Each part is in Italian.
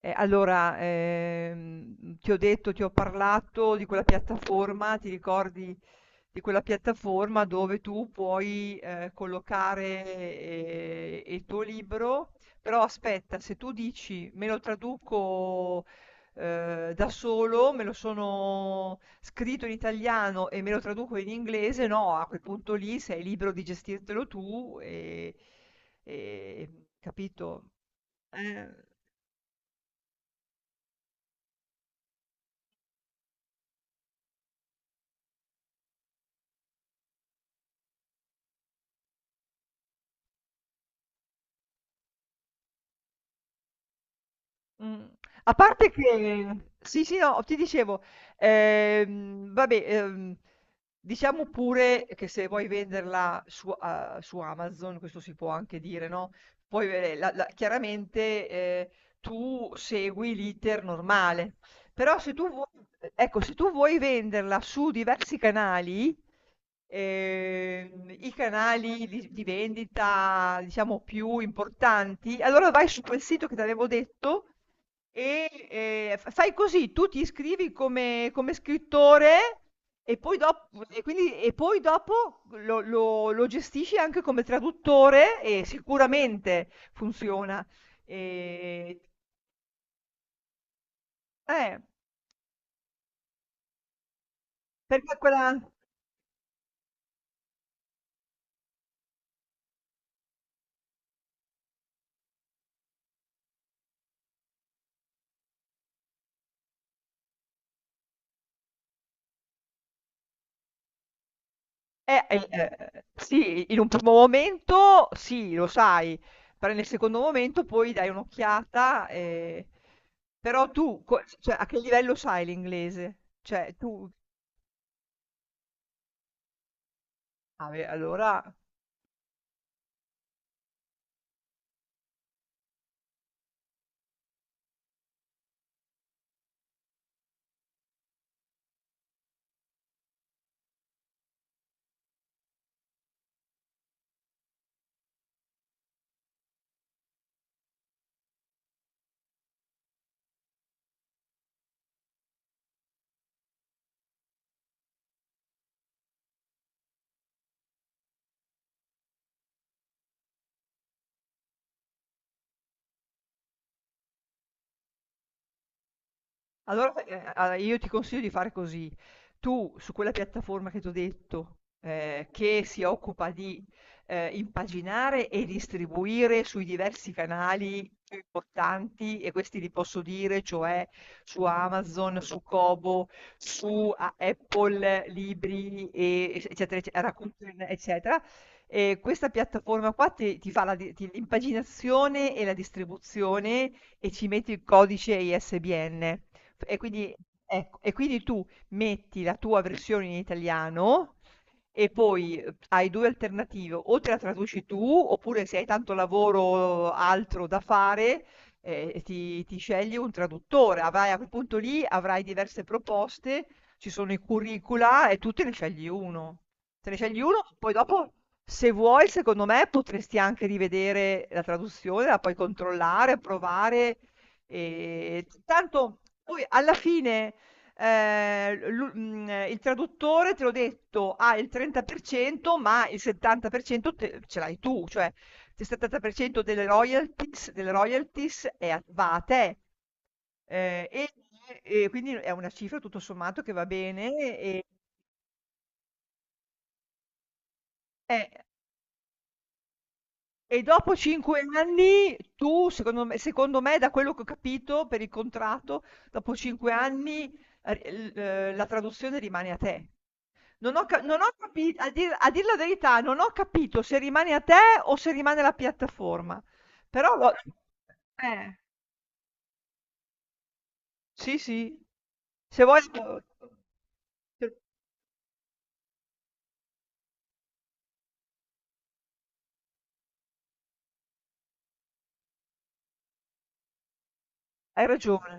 Allora, ti ho detto, ti ho parlato di quella piattaforma. Ti ricordi di quella piattaforma dove tu puoi collocare il tuo libro? Però aspetta, se tu dici "me lo traduco da solo, me lo sono scritto in italiano e me lo traduco in inglese", no, a quel punto lì sei libero di gestirtelo tu e- capito? Eh, Mh. A parte che sì, sì, no, ti dicevo, vabbè, diciamo pure che se vuoi venderla su Amazon, questo si può anche dire, no, puoi ve la la chiaramente. Tu segui l'iter normale, però se tu vuoi ecco, se tu vuoi venderla su diversi canali, i canali di vendita, diciamo, più importanti. Allora vai su quel sito che t'avevo detto e, f fai così: tu ti iscrivi come scrittore e poi dop e quindi e poi dopo lo gestisci anche come traduttore, e sicuramente funziona. Ehm, eh, Perché quella. Sì, in un primo momento sì, lo sai. Però nel secondo momento poi dai un'occhiata. Però tu, co cioè, a che livello sai l'inglese? Cioè tu. Ah beh, allora. Allora, a io ti consiglio di fare così: tu su quella piattaforma che t'ho detto, che si occupa di, impaginare e distribuire sui diversi canali più importanti, e questi li posso dire, cioè su Amazon, su Kobo, su a Apple libri, e ec eccetera, ecce Rakuten, eccetera. Questa piattaforma qua ti fa la di ti l'impaginazione e la distribuzione, e ci metti il codice ISBN. F E quindi, ecco, tu metti la tua versione in italiano. E poi hai 2 alternative: o te la traduci tu, oppure se hai tanto lavoro altro da fare, ti scegli un traduttore. Avrai a quel punto lì avrai diverse proposte, ci sono i curricula e tu te ne scegli 1. Te ne scegli 1, poi dopo, se vuoi, secondo me potresti anche rivedere la traduzione, la puoi controllare, provare. E tanto poi alla fine il traduttore, te l'ho detto, ha il 30%, ma il 70% ce l'hai tu, cioè il 70% delle royalties va a te. Eh, e, e quindi è una cifra tutto sommato che va bene. Eh, E dopo 5 anni, tu, secondo me, da quello che ho capito per il contratto, dopo 5 anni, la traduzione rimane a te. Non ho capito, a dir la verità, non ho capito se rimane a te o se rimane alla piattaforma. Però, eh, sì, sì, se vuoi. Hai ragione.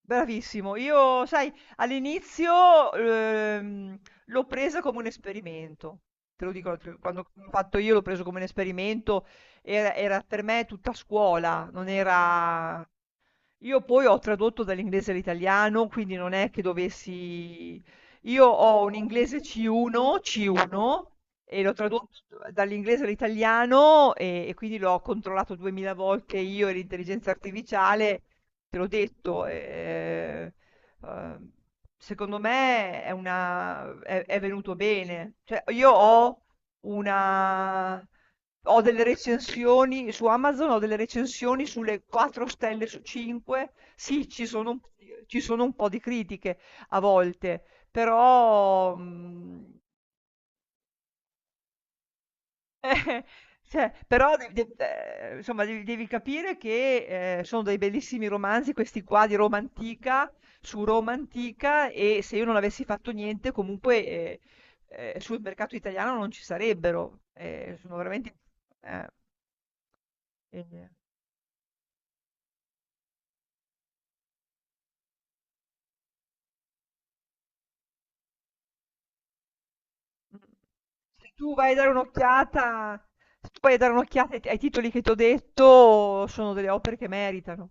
Bravissimo. Io, sai, all'inizio, l'ho presa come un esperimento. Te lo dico, quando l'ho fatto io l'ho preso come un esperimento. Era per me tutta scuola, non era. Io poi ho tradotto dall'inglese all'italiano, quindi non è che dovessi. Io ho un inglese C1, C1, e l'ho tradotto dall'inglese all'italiano, e quindi l'ho controllato duemila volte, io e l'intelligenza artificiale, te l'ho detto. Eh, Secondo me è venuto bene. Cioè, io una ho delle recensioni su Amazon, ho delle recensioni sulle 4 stelle su 5. Sì, ci sono un po' di critiche a volte, però, eh, cioè, però insomma, devi capire che sono dei bellissimi romanzi, questi qua di Roma antica, su Roma antica, e se io non avessi fatto niente, comunque sul mercato italiano non ci sarebbero. Sono veramente. eh. Eh, mm. Se tu vai a dare un'occhiata, Se tu vai a dare un'occhiata ai titoli che ti ho detto, sono delle opere che meritano.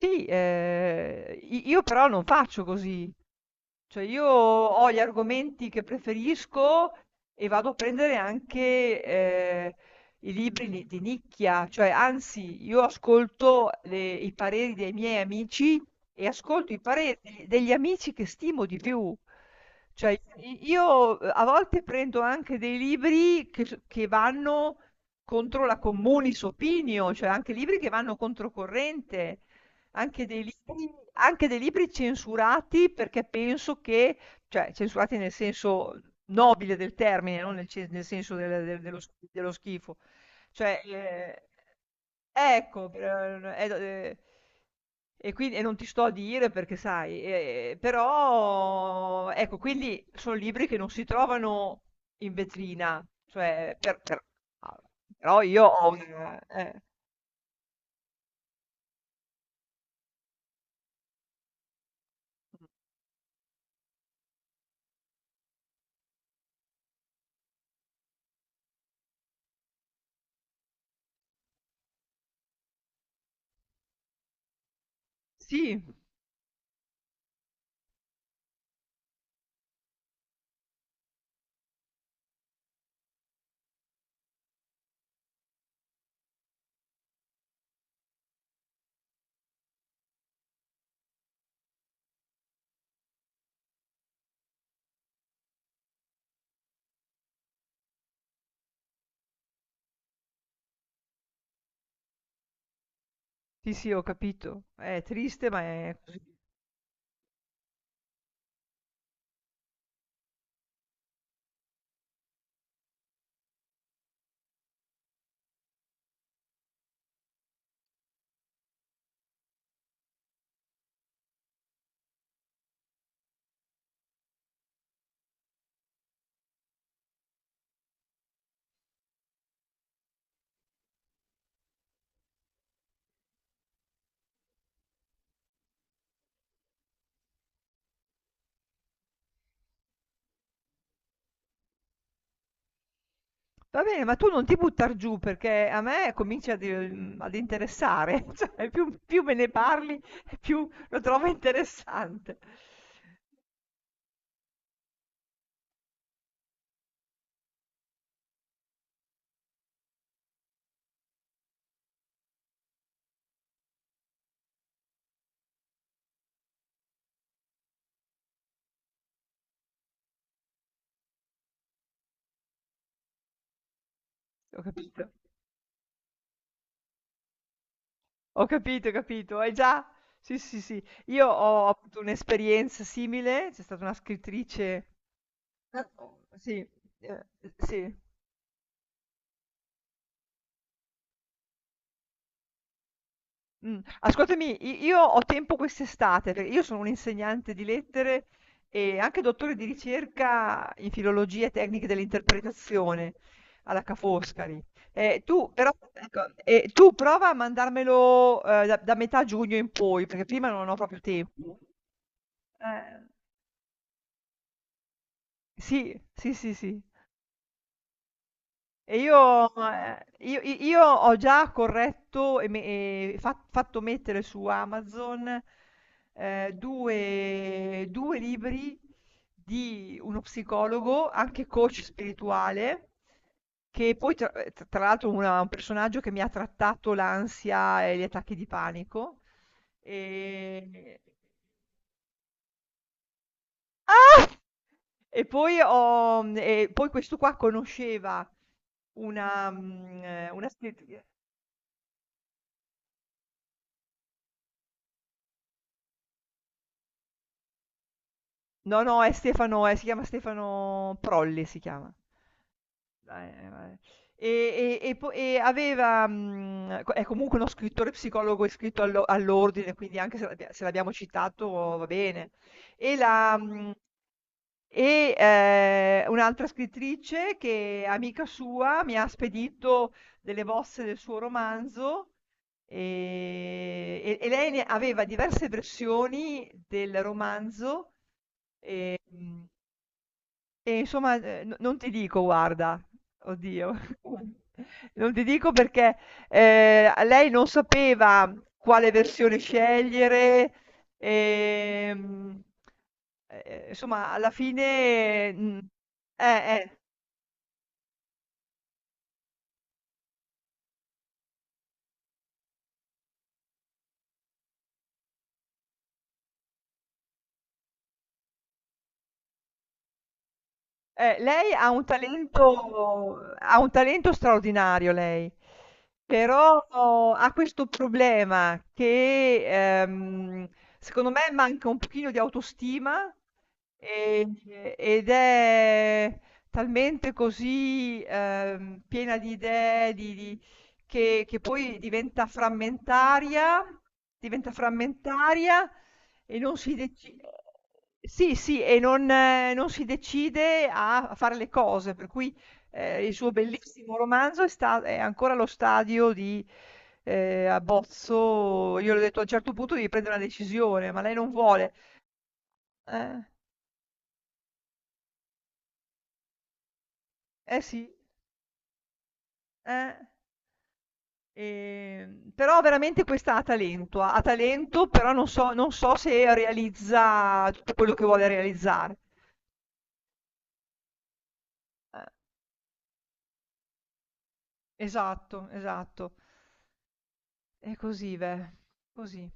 Sì, io però non faccio così. Cioè io ho gli argomenti che preferisco e vado a prendere anche eh, i libri di nicchia, cioè, anzi, io ascolto i pareri dei miei amici e ascolto i pareri degli amici che stimo di più. Cioè, io, a volte prendo anche dei libri che, che vanno contro la communis opinio, cioè anche libri che vanno controcorrente. Anche dei libri censurati, perché penso che, cioè, censurati nel senso nobile del termine, non nel senso dello schifo. Cioè, ecco, per e do non ti sto a dire perché, sai, però ecco, quindi son libri che non si trovano in vetrina, cioè a però io ho una. Mh. Sì. Sì, sì, ho capito. È triste, ma è così. Va bene, ma tu non ti buttar giù, perché a me comincia ad interessare, cioè più me ne parli, più lo trovo interessante. Ho capito, ho capito, ho capito. Hai già? Sì, sì, sì. Io ho avuto un'esperienza simile. C'è stata una scrittrice. Ah, oh, sì, eh, sì. Ascoltami, i io ho tempo quest'estate, perché io sono un'insegnante di lettere e anche dottore di ricerca in filologia e tecniche dell'interpretazione alla Ca' Foscari. Tu però, ecco, tu prova a mandarmelo, da metà giugno in poi, perché prima non ho proprio tempo. Eh, sì, sì, sì, sì. E io ho già corretto e me e fa fatto mettere su Amazon, 2 2 libri di uno psicologo, anche coach spirituale, che poi, tra t tra l'altro una un personaggio che mi ha trattato l'ansia e gli attacchi di panico. ehm Ah! E poi questo qua conosceva una scrittrice. No, no, è Stefano, si chiama Stefano Prolli, si chiama. Vabbè. E è comunque uno scrittore psicologo iscritto all'ordine, quindi anche se se l'abbiamo citato va bene. E, la, e Un'altra scrittrice, che è amica sua, mi ha spedito delle bozze del suo romanzo. E lei ne aveva diverse versioni del romanzo. ehm, e insomma, no, non ti dico, guarda, oddio, non ti dico perché. A lei non sapeva quale versione scegliere. ehm, insomma alla fine. Mhmm, eh, eh. Lei ha un talento straordinario lei. Però oh, ha questo problema che ehm, secondo me manca un pochino di autostima ed è talmente così, piena di idee che, poi diventa frammentaria e non si deci sì, sì, e non si decide a fare le cose. Per cui, il suo bellissimo romanzo è ancora allo stadio di, abbozzo. Io le ho detto: "A un certo punto devi prendere una decisione", ma lei non vuole. Eh, eh sì. eh. Però veramente questa ha talento, ha talento, però non so se realizza tutto quello che vuole realizzare. Eh, esatto, esatto. È così, veh, così.